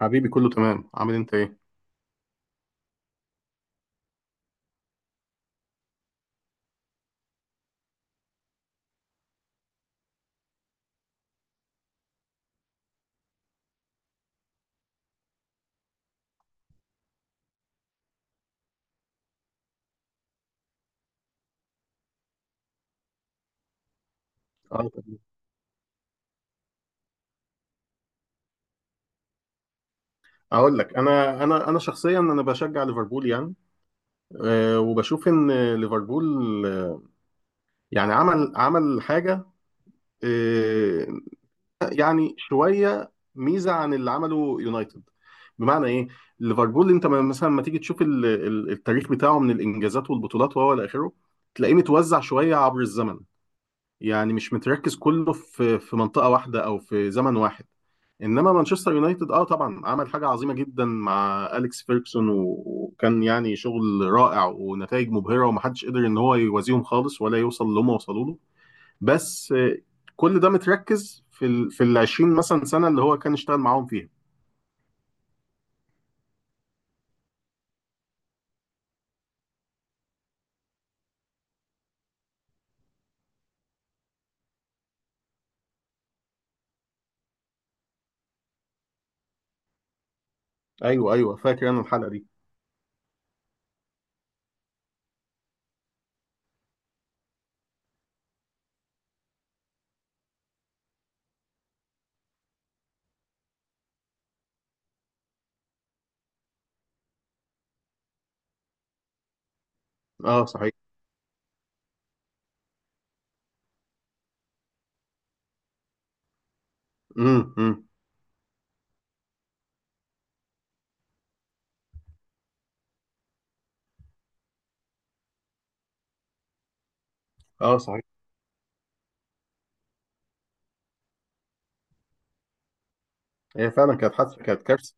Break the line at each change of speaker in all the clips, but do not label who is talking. حبيبي، كله تمام. عامل إيه انت؟ ايه؟ اه، تمام. اقول لك، انا شخصيا انا بشجع ليفربول يعني. وبشوف ان ليفربول، آه، يعني عمل حاجه، أه يعني شويه ميزه عن اللي عمله يونايتد. بمعنى ايه؟ ليفربول انت مثلا ما تيجي تشوف التاريخ بتاعه من الانجازات والبطولات وهو الى اخره، تلاقيه متوزع شويه عبر الزمن. يعني مش متركز كله في منطقة واحدة أو في زمن واحد. إنما مانشستر يونايتد طبعا عمل حاجة عظيمة جدا مع أليكس فيركسون، وكان يعني شغل رائع ونتائج مبهرة ومحدش قدر إن هو يوازيهم خالص ولا يوصل اللي هم وصلوا له. بس كل ده متركز في ال 20 مثلا سنة اللي هو كان اشتغل معاهم فيها. أيوه، أيوه، فاكر أنا الحلقة دي. صحيح. امم، امم. صحيح، هي فعلا كانت حادثة، كانت كارثة.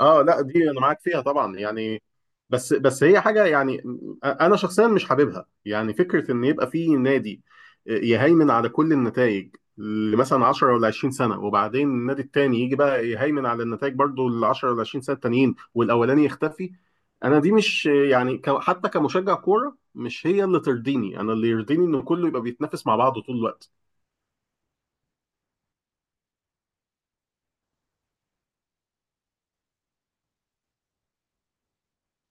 اه، لا، دي انا معاك فيها طبعا يعني. بس هي حاجه يعني، انا شخصيا مش حاببها يعني فكره ان يبقى في نادي يهيمن على كل النتائج لمثلا 10 ولا 20 سنه، وبعدين النادي التاني يجي بقى يهيمن على النتائج برضو ال 10 ولا 20 سنه التانيين والاولاني يختفي. انا دي مش يعني، حتى كمشجع كوره، مش هي اللي ترضيني. انا اللي يرضيني ان كله يبقى بيتنافس مع بعضه طول الوقت.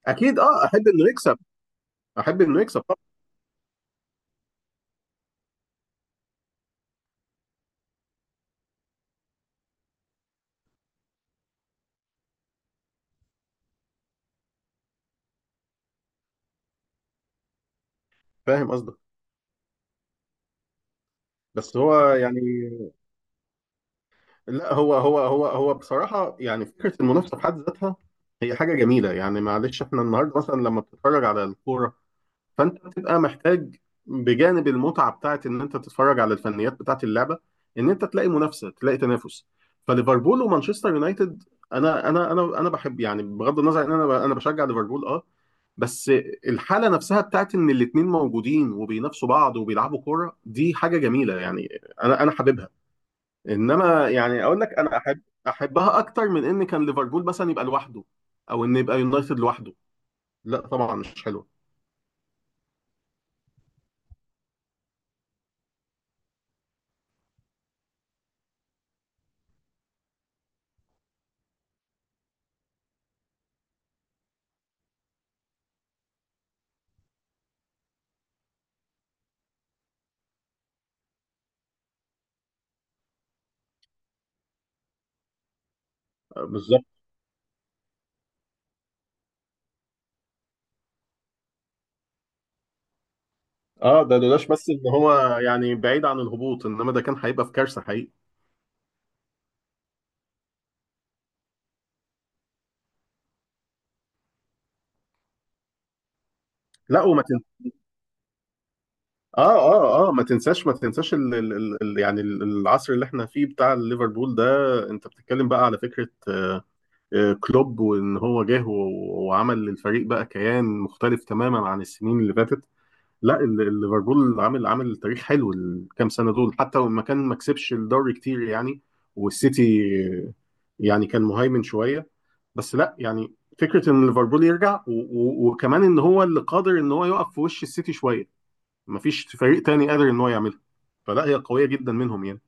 اكيد، اه، احب انه يكسب. احب انه يكسب طبعا. فاهم قصدك. بس هو يعني، لا، هو بصراحة يعني فكرة المنافسة في حد ذاتها هي حاجة جميلة يعني. معلش، احنا النهاردة مثلا لما بتتفرج على الكورة، فانت بتبقى محتاج بجانب المتعة بتاعت ان انت تتفرج على الفنيات بتاعت اللعبة، ان انت تلاقي منافسة، تلاقي تنافس. فليفربول ومانشستر يونايتد، انا بحب، يعني بغض النظر ان انا بشجع ليفربول اه، بس الحالة نفسها بتاعت ان الاتنين موجودين وبينافسوا بعض وبيلعبوا كورة، دي حاجة جميلة يعني. انا حاببها. انما يعني اقول لك، انا احب، احبها اكتر من ان كان ليفربول مثلا يبقى لوحده، او ان يبقى يونايتد لوحده. لا، طبعا مش حلو. بالظبط، اه. ده لولاش بس ان هو يعني بعيد عن الهبوط، انما ده كان هيبقى في كارثه حقيقي. لا، اه ما تنساش يعني العصر اللي احنا فيه بتاع ليفربول ده. انت بتتكلم بقى على فكره كلوب، وان هو جه وعمل للفريق بقى كيان مختلف تماما عن السنين اللي فاتت. لا، ليفربول عامل تاريخ حلو الكام سنه دول، حتى لما كان ما كسبش الدوري كتير يعني، والسيتي يعني كان مهيمن شويه. بس لا، يعني فكره ان ليفربول يرجع وكمان ان هو اللي قادر ان هو يقف في وش السيتي شويه، ما فيش فريق تاني قادر ان هو يعملها. فلا، هي قويه جدا منهم يعني.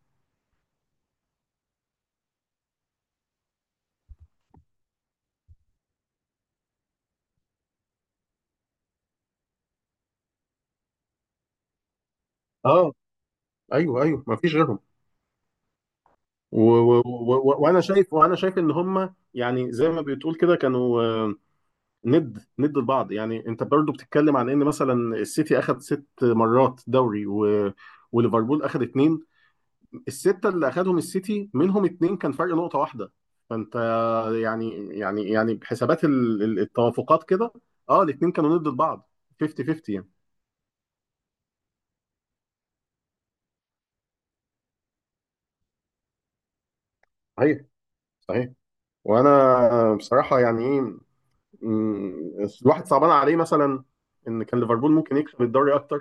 اه، ايوه، ايوه، ما فيش غيرهم. وانا شايف ان هم يعني زي ما بتقول كده كانوا، ند ند لبعض يعني. انت برضو بتتكلم عن ان مثلا السيتي اخذ ست مرات دوري وليفربول اخذ اتنين. السته اللي اخذهم السيتي منهم اتنين كان فرق نقطه واحده. فانت يعني، بحسابات التوافقات كده، اه، الاتنين كانوا ند لبعض. 50 50 يعني. صحيح، صحيح. وانا بصراحه يعني ايه، الواحد صعبان عليه مثلا ان كان ليفربول ممكن يكسب الدوري اكتر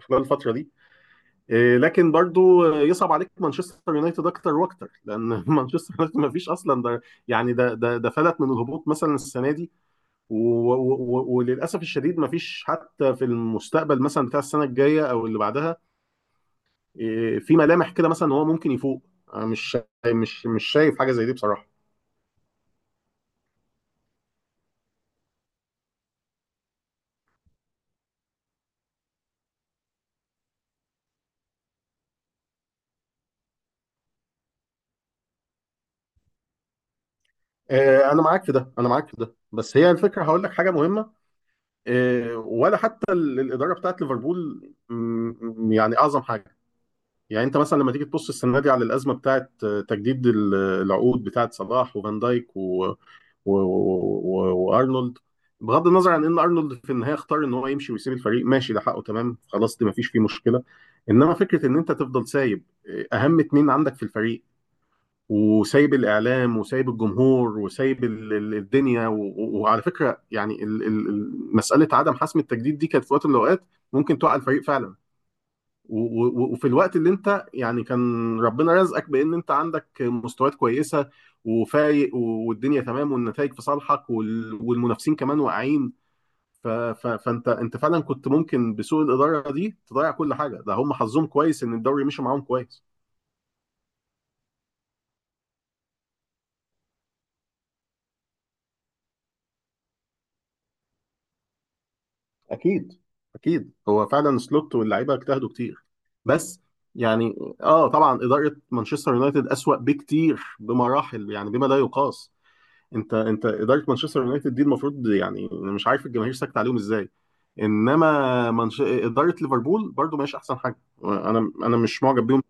خلال الفتره دي، إيه، لكن برضو يصعب عليك مانشستر يونايتد اكتر واكتر، لان مانشستر يونايتد ما فيش اصلا. ده يعني ده فلت من الهبوط مثلا السنه دي. وللاسف الشديد ما فيش حتى في المستقبل مثلا بتاع السنه الجايه او اللي بعدها، إيه، في ملامح كده مثلا ان هو ممكن يفوق. أنا مش شا- مش مش شايف حاجه زي دي بصراحه. إيه، انا معاك في ده، انا معاك في ده. بس هي الفكره، هقول لك حاجه مهمه. إيه، ولا حتى الاداره بتاعت ليفربول، يعني اعظم حاجه. يعني انت مثلا لما تيجي تبص السنه دي على الازمه بتاعت تجديد العقود بتاعت صلاح وفان دايك و... و... وارنولد. بغض النظر عن ان ارنولد في النهايه اختار ان هو يمشي ويسيب الفريق ماشي، ده حقه، تمام، خلاص، دي مفيش فيه مشكله. انما فكره ان انت تفضل سايب اهم اتنين عندك في الفريق، وسايب الاعلام وسايب الجمهور وسايب الدنيا وعلى فكره، يعني مساله عدم حسم التجديد دي كانت في وقت من الاوقات ممكن توقع الفريق فعلا. وفي الوقت اللي انت يعني كان ربنا رزقك بان انت عندك مستويات كويسه وفايق، والدنيا تمام والنتائج في صالحك، والمنافسين كمان واقعين، فانت، انت فعلا كنت ممكن بسوء الاداره دي تضيع كل حاجه. ده هم حظهم كويس ان الدوري مشي معاهم كويس. اكيد، اكيد، هو فعلا سلوت واللعيبه اجتهدوا كتير. بس يعني، اه، طبعا اداره مانشستر يونايتد اسوأ بكتير بمراحل يعني بما لا يقاس. انت اداره مانشستر يونايتد دي المفروض، يعني انا مش عارف الجماهير ساكت عليهم ازاي. انما اداره ليفربول برضو ماشي احسن حاجه، انا مش معجب بيهم.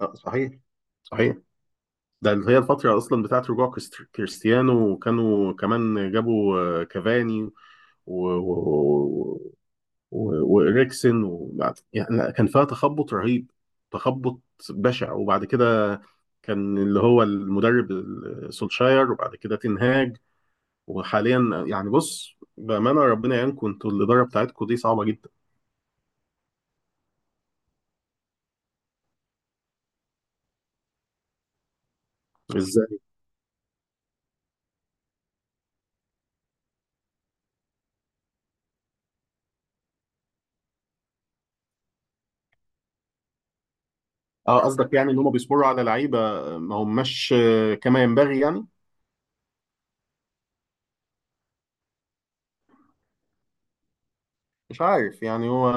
صحيح، صحيح. ده اللي هي الفتره اصلا بتاعت رجوع كريستيانو، وكانوا كمان جابوا كافاني و... و... وإريكسن، يعني لا، كان فيها تخبط رهيب، تخبط بشع. وبعد كده كان اللي هو المدرب سولشاير، وبعد كده تنهاج. وحاليا يعني، بص، بامانه، ربنا يعينكم، انتوا الاداره بتاعتكم دي صعبه جدا. ازاي؟ اه، قصدك يعني ان هم بيصبروا على لعيبه ما هماش كما ينبغي يعني. مش عارف يعني هو،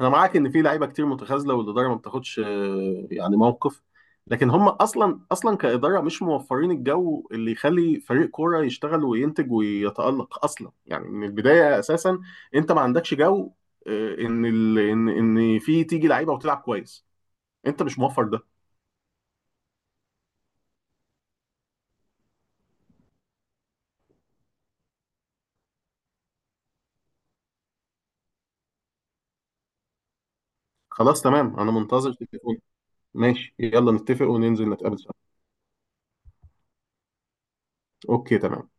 انا معاك ان في لعيبه كتير متخاذله والاداره ما بتاخدش، يعني، موقف. لكن هم اصلا، اصلا كاداره مش موفرين الجو اللي يخلي فريق كوره يشتغل وينتج ويتالق اصلا يعني من البدايه اساسا. انت ما عندكش جو، ان ال... ان ان في تيجي لعيبه وتلعب كويس، انت مش موفر ده. خلاص، تمام، انا منتظر تليفون. ماشي، يلا نتفق وننزل نتقابل سوا. اوكي، تمام.